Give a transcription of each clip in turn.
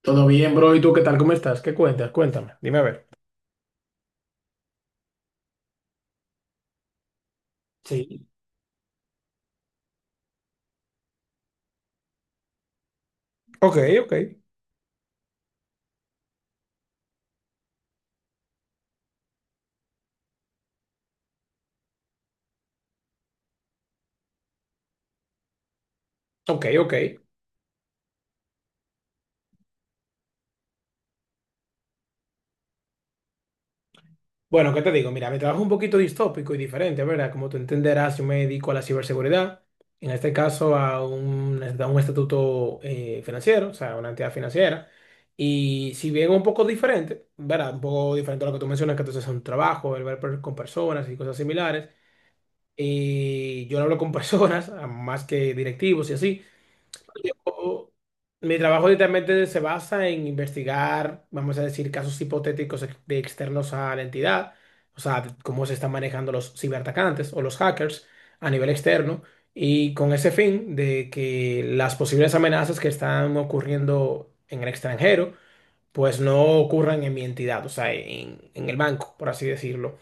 Todo bien, bro. ¿Y tú qué tal? ¿Cómo estás? ¿Qué cuentas? Cuéntame. Dime a ver. Sí. Ok, ok. Ok, ok. Bueno, ¿qué te digo? Mira, mi trabajo es un poquito distópico y diferente, ¿verdad? Como tú entenderás, yo me dedico a la ciberseguridad. En este caso, a un estatuto financiero, o sea, una entidad financiera. Y si bien un poco diferente, ¿verdad? Un poco diferente a lo que tú mencionas, que entonces es un trabajo, el con personas y cosas similares. Y yo no hablo con personas, más que directivos y así. Yo- Mi trabajo literalmente se basa en investigar, vamos a decir, casos hipotéticos de externos a la entidad, o sea, de cómo se están manejando los ciberatacantes o los hackers a nivel externo, y con ese fin de que las posibles amenazas que están ocurriendo en el extranjero, pues no ocurran en mi entidad, o sea, en el banco, por así decirlo.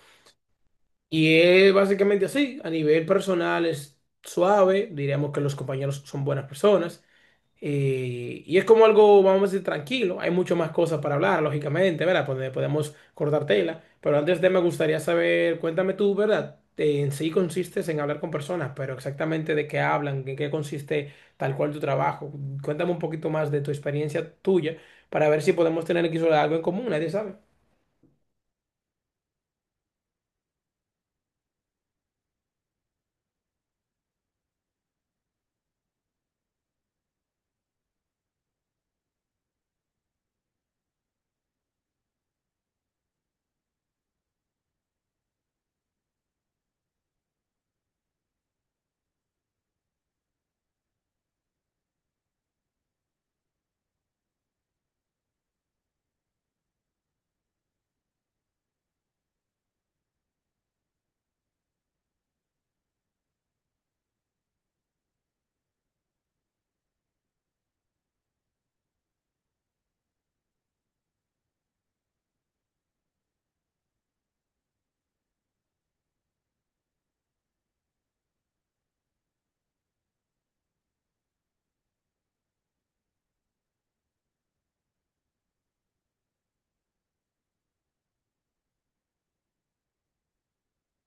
Y es básicamente así, a nivel personal es suave, diríamos que los compañeros son buenas personas. Y es como algo, vamos a decir, tranquilo. Hay mucho más cosas para hablar, lógicamente, ¿verdad? Pues, podemos cortar tela. Pero antes de me gustaría saber, cuéntame tú, ¿verdad? En sí consistes en hablar con personas, pero exactamente de qué hablan, en qué consiste tal cual tu trabajo. Cuéntame un poquito más de tu experiencia tuya para ver si podemos tener aquí sobre algo en común, nadie sabe.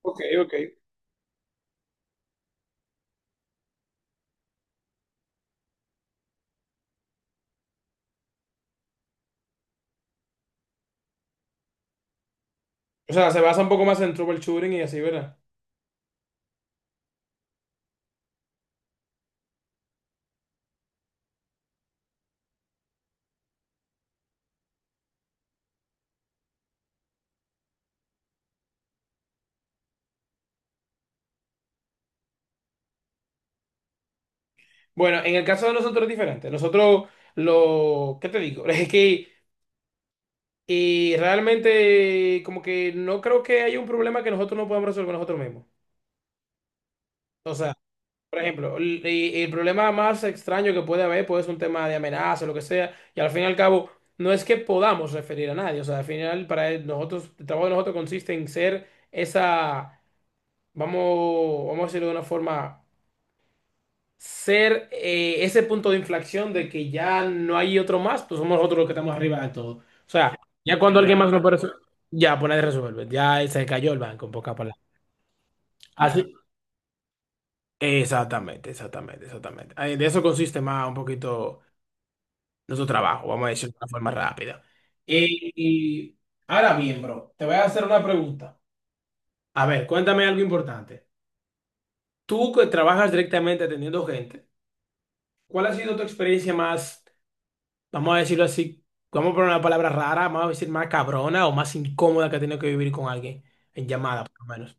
Ok, ok. O sea, se basa un poco más en troubleshooting y así, ¿verdad? Bueno, en el caso de nosotros es diferente. Nosotros, ¿qué te digo? Es que y realmente, como que no creo que haya un problema que nosotros no podamos resolver nosotros mismos. O sea, por ejemplo, y el problema más extraño que puede haber puede ser un tema de amenaza, lo que sea, y al fin y al cabo, no es que podamos referir a nadie. O sea, al final, nosotros, el trabajo de nosotros consiste en ser esa, vamos a decirlo de una forma. Ser ese punto de inflexión de que ya no hay otro más, pues somos nosotros los que estamos arriba de todo. O sea, ya cuando alguien más no, claro, puede resolver, ya pues nadie resuelve, ya se cayó el banco, en pocas palabras. Así, exactamente, exactamente, exactamente. Ay, de eso consiste más un poquito nuestro trabajo, vamos a decirlo de una forma rápida. y y ahora bien, bro, te voy a hacer una pregunta. A ver, cuéntame algo importante. Tú que trabajas directamente atendiendo gente, ¿cuál ha sido tu experiencia más vamos a decirlo así, vamos a poner una palabra rara, vamos a decir más cabrona o más incómoda que ha tenido que vivir con alguien en llamada, por lo menos?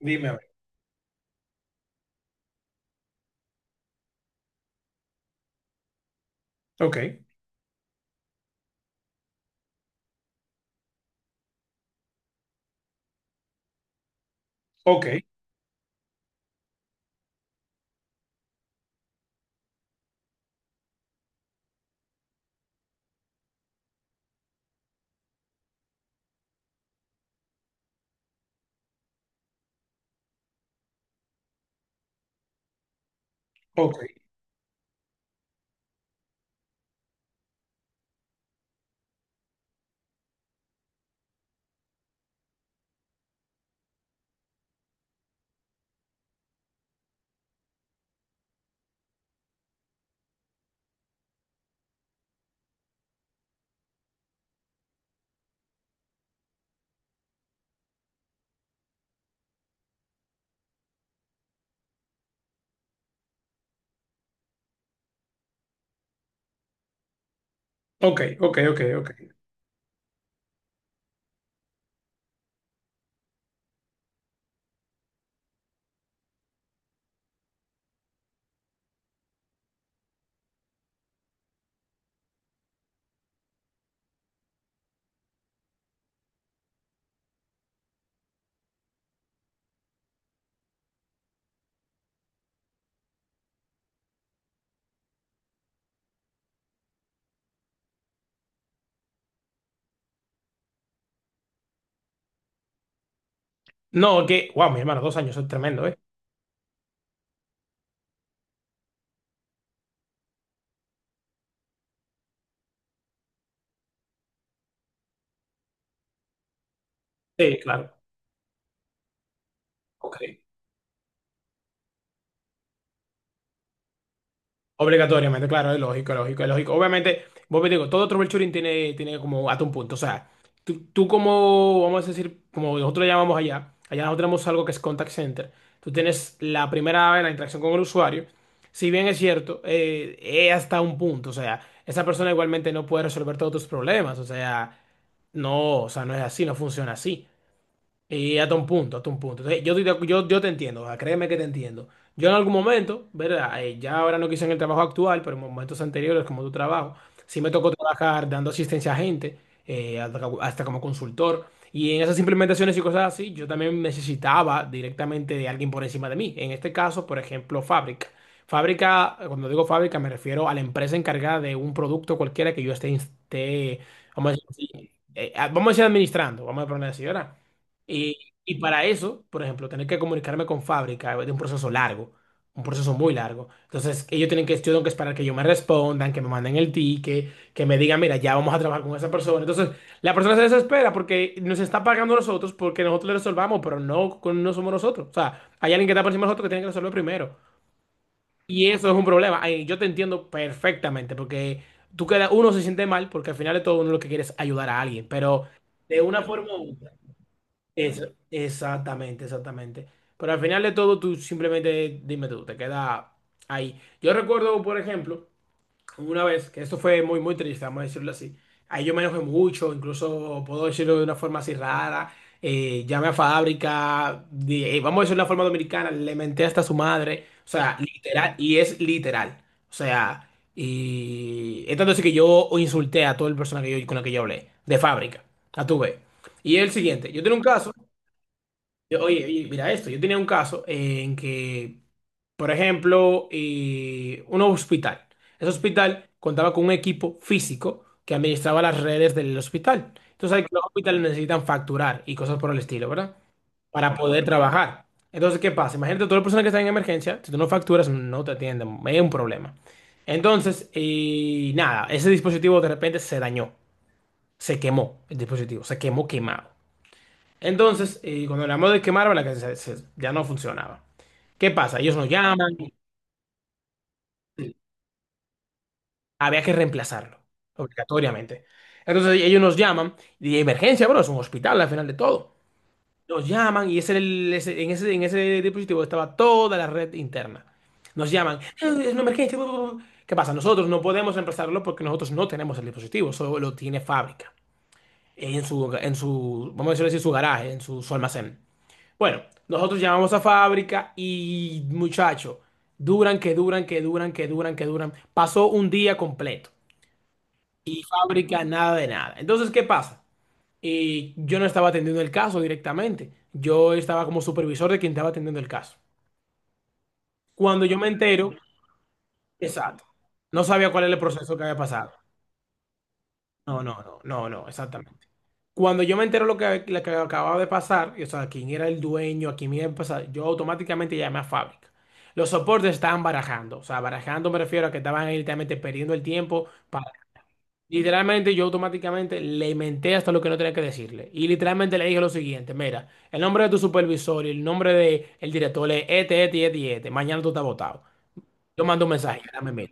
Dime a ver. Ok, ok, ok, ok, ok, ok, ok. No, que, wow, mi hermano, 2 años, eso es tremendo, ¿eh? Sí, claro. Ok. Obligatoriamente, claro, es lógico, es lógico, es lógico. Obviamente, vos me digo, todo troubleshooting tiene como hasta un punto. O sea, tú como, vamos a decir, como nosotros lo llamamos allá, nosotros tenemos algo que es contact center. Tú tienes la primera vez la interacción con el usuario. Si bien es cierto, es hasta un punto. O sea, esa persona igualmente no puede resolver todos tus problemas. O sea, no es así, no funciona así. Y hasta un punto, hasta un punto. Entonces, yo, estoy de acu- yo te entiendo, o sea, créeme que te entiendo. Yo en algún momento, ¿verdad? Ya ahora no quise en el trabajo actual, pero en momentos anteriores, como tu trabajo, sí me tocó trabajar dando asistencia a gente, hasta como consultor. Y en esas implementaciones y cosas así, yo también necesitaba directamente de alguien por encima de mí. En este caso, por ejemplo, fábrica. Fábrica, cuando digo fábrica, me refiero a la empresa encargada de un producto cualquiera que yo esté, vamos a decir, así, vamos a decir administrando, vamos a poner así, ¿verdad? Y, y para eso, por ejemplo, tener que comunicarme con fábrica es un proceso largo, un proceso muy largo. Entonces, ellos tienen que, yo tengo que esperar que yo me respondan, que me manden el ticket, que me digan, mira, ya vamos a trabajar con esa persona. Entonces, la persona se desespera porque nos está pagando a nosotros porque nosotros le resolvamos, pero no, no somos nosotros. O sea, hay alguien que está por encima de nosotros que tiene que resolver primero. Y eso es un problema. Ay, yo te entiendo perfectamente porque tú queda, uno se siente mal porque al final de todo uno lo que quiere es ayudar a alguien, pero de una forma u otra. Es, exactamente, exactamente. Pero al final de todo, tú simplemente dime tú, te queda ahí. Yo recuerdo, por ejemplo, una vez, que esto fue muy, muy triste, vamos a decirlo así. Ahí yo me enojé mucho, incluso puedo decirlo de una forma así rara. Llamé a fábrica, vamos a decirlo de una forma dominicana, le menté hasta a su madre. O sea, literal, y es literal. O sea, y es tanto así que yo insulté a todo el personal con la que yo hablé, de fábrica. A tu vez. Y es el siguiente, yo tengo un caso. Oye, oye, mira esto, yo tenía un caso en que, por ejemplo, un hospital. Ese hospital contaba con un equipo físico que administraba las redes del hospital. Entonces, hay que los hospitales necesitan facturar y cosas por el estilo, ¿verdad? Para poder trabajar. Entonces, ¿qué pasa? Imagínate, todas las personas que están en emergencia, si tú no facturas, no te atienden, es un problema. Entonces, nada, ese dispositivo de repente se dañó, se quemó, el dispositivo, se quemó quemado. Entonces, cuando hablamos de quemarlo, la casa se- se- ya no funcionaba. ¿Qué pasa? Ellos nos llaman, había que reemplazarlo, obligatoriamente. Entonces ellos nos llaman, y de emergencia, bueno, es un hospital al final de todo. Nos llaman y ese, era el- ese- en ese, en ese dispositivo estaba toda la red interna. Nos llaman, es una emergencia. Bu, bu, bu". ¿Qué pasa? Nosotros no podemos reemplazarlo porque nosotros no tenemos el dispositivo, solo lo tiene fábrica. En su, vamos a decirlo así, su garaje, en su almacén. Bueno, nosotros llamamos a fábrica y muchachos, duran, que duran, que duran, que duran, que duran. Pasó un día completo y fábrica nada de nada. Entonces, ¿qué pasa? Y yo no estaba atendiendo el caso directamente. Yo estaba como supervisor de quien estaba atendiendo el caso. Cuando yo me entero, exacto, no sabía cuál era el proceso que había pasado. No, no, no, no, no, exactamente. Cuando yo me entero lo que acababa de pasar, y, o sea, quién era el dueño, a quién iba a pasar, yo automáticamente llamé a fábrica. Los soportes estaban barajando, o sea, barajando me refiero a que estaban ahí literalmente perdiendo el tiempo para… Literalmente yo automáticamente le inventé hasta lo que no tenía que decirle. Y literalmente le dije lo siguiente, mira, el nombre de tu supervisor y el nombre del director es este, este y este y este. Mañana tú estás votado. Yo mando un mensaje, llámame,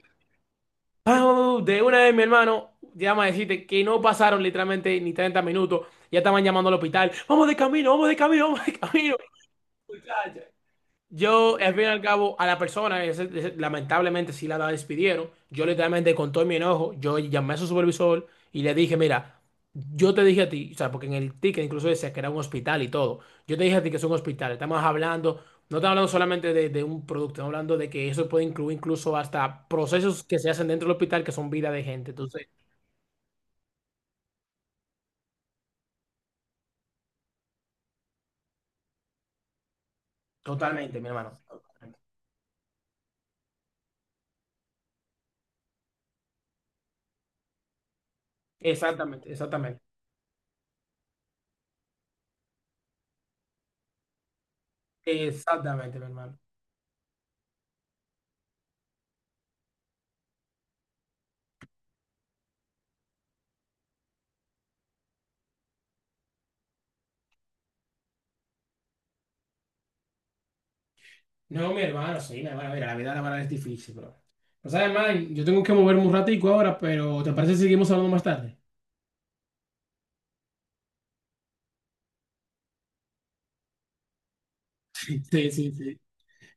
Pau, de una vez, mi hermano, llama a decirte que no pasaron literalmente ni 30 minutos. Ya estaban llamando al hospital. Vamos de camino, vamos de camino, vamos de camino, muchacha. Yo, al fin y al cabo, a la persona, lamentablemente sí la despidieron. Yo literalmente con todo mi enojo, yo llamé a su supervisor y le dije, mira, yo te dije a ti, o sea, porque en el ticket incluso decía que era un hospital y todo. Yo te dije a ti que es un hospital. No estamos hablando solamente de un producto, estamos hablando de que eso puede incluir incluso hasta procesos que se hacen dentro del hospital que son vida de gente. Entonces, totalmente, mi hermano. Exactamente, exactamente. Exactamente, mi hermano. No, mi hermano, sí, mi hermano, mira, la vida laboral es difícil, bro. No sabes, man, yo tengo que moverme un ratico ahora, pero ¿te parece si seguimos hablando más tarde? Sí, sí, sí.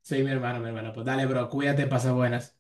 Sí, mi hermano, mi hermano. Pues dale, bro, cuídate, pasa buenas.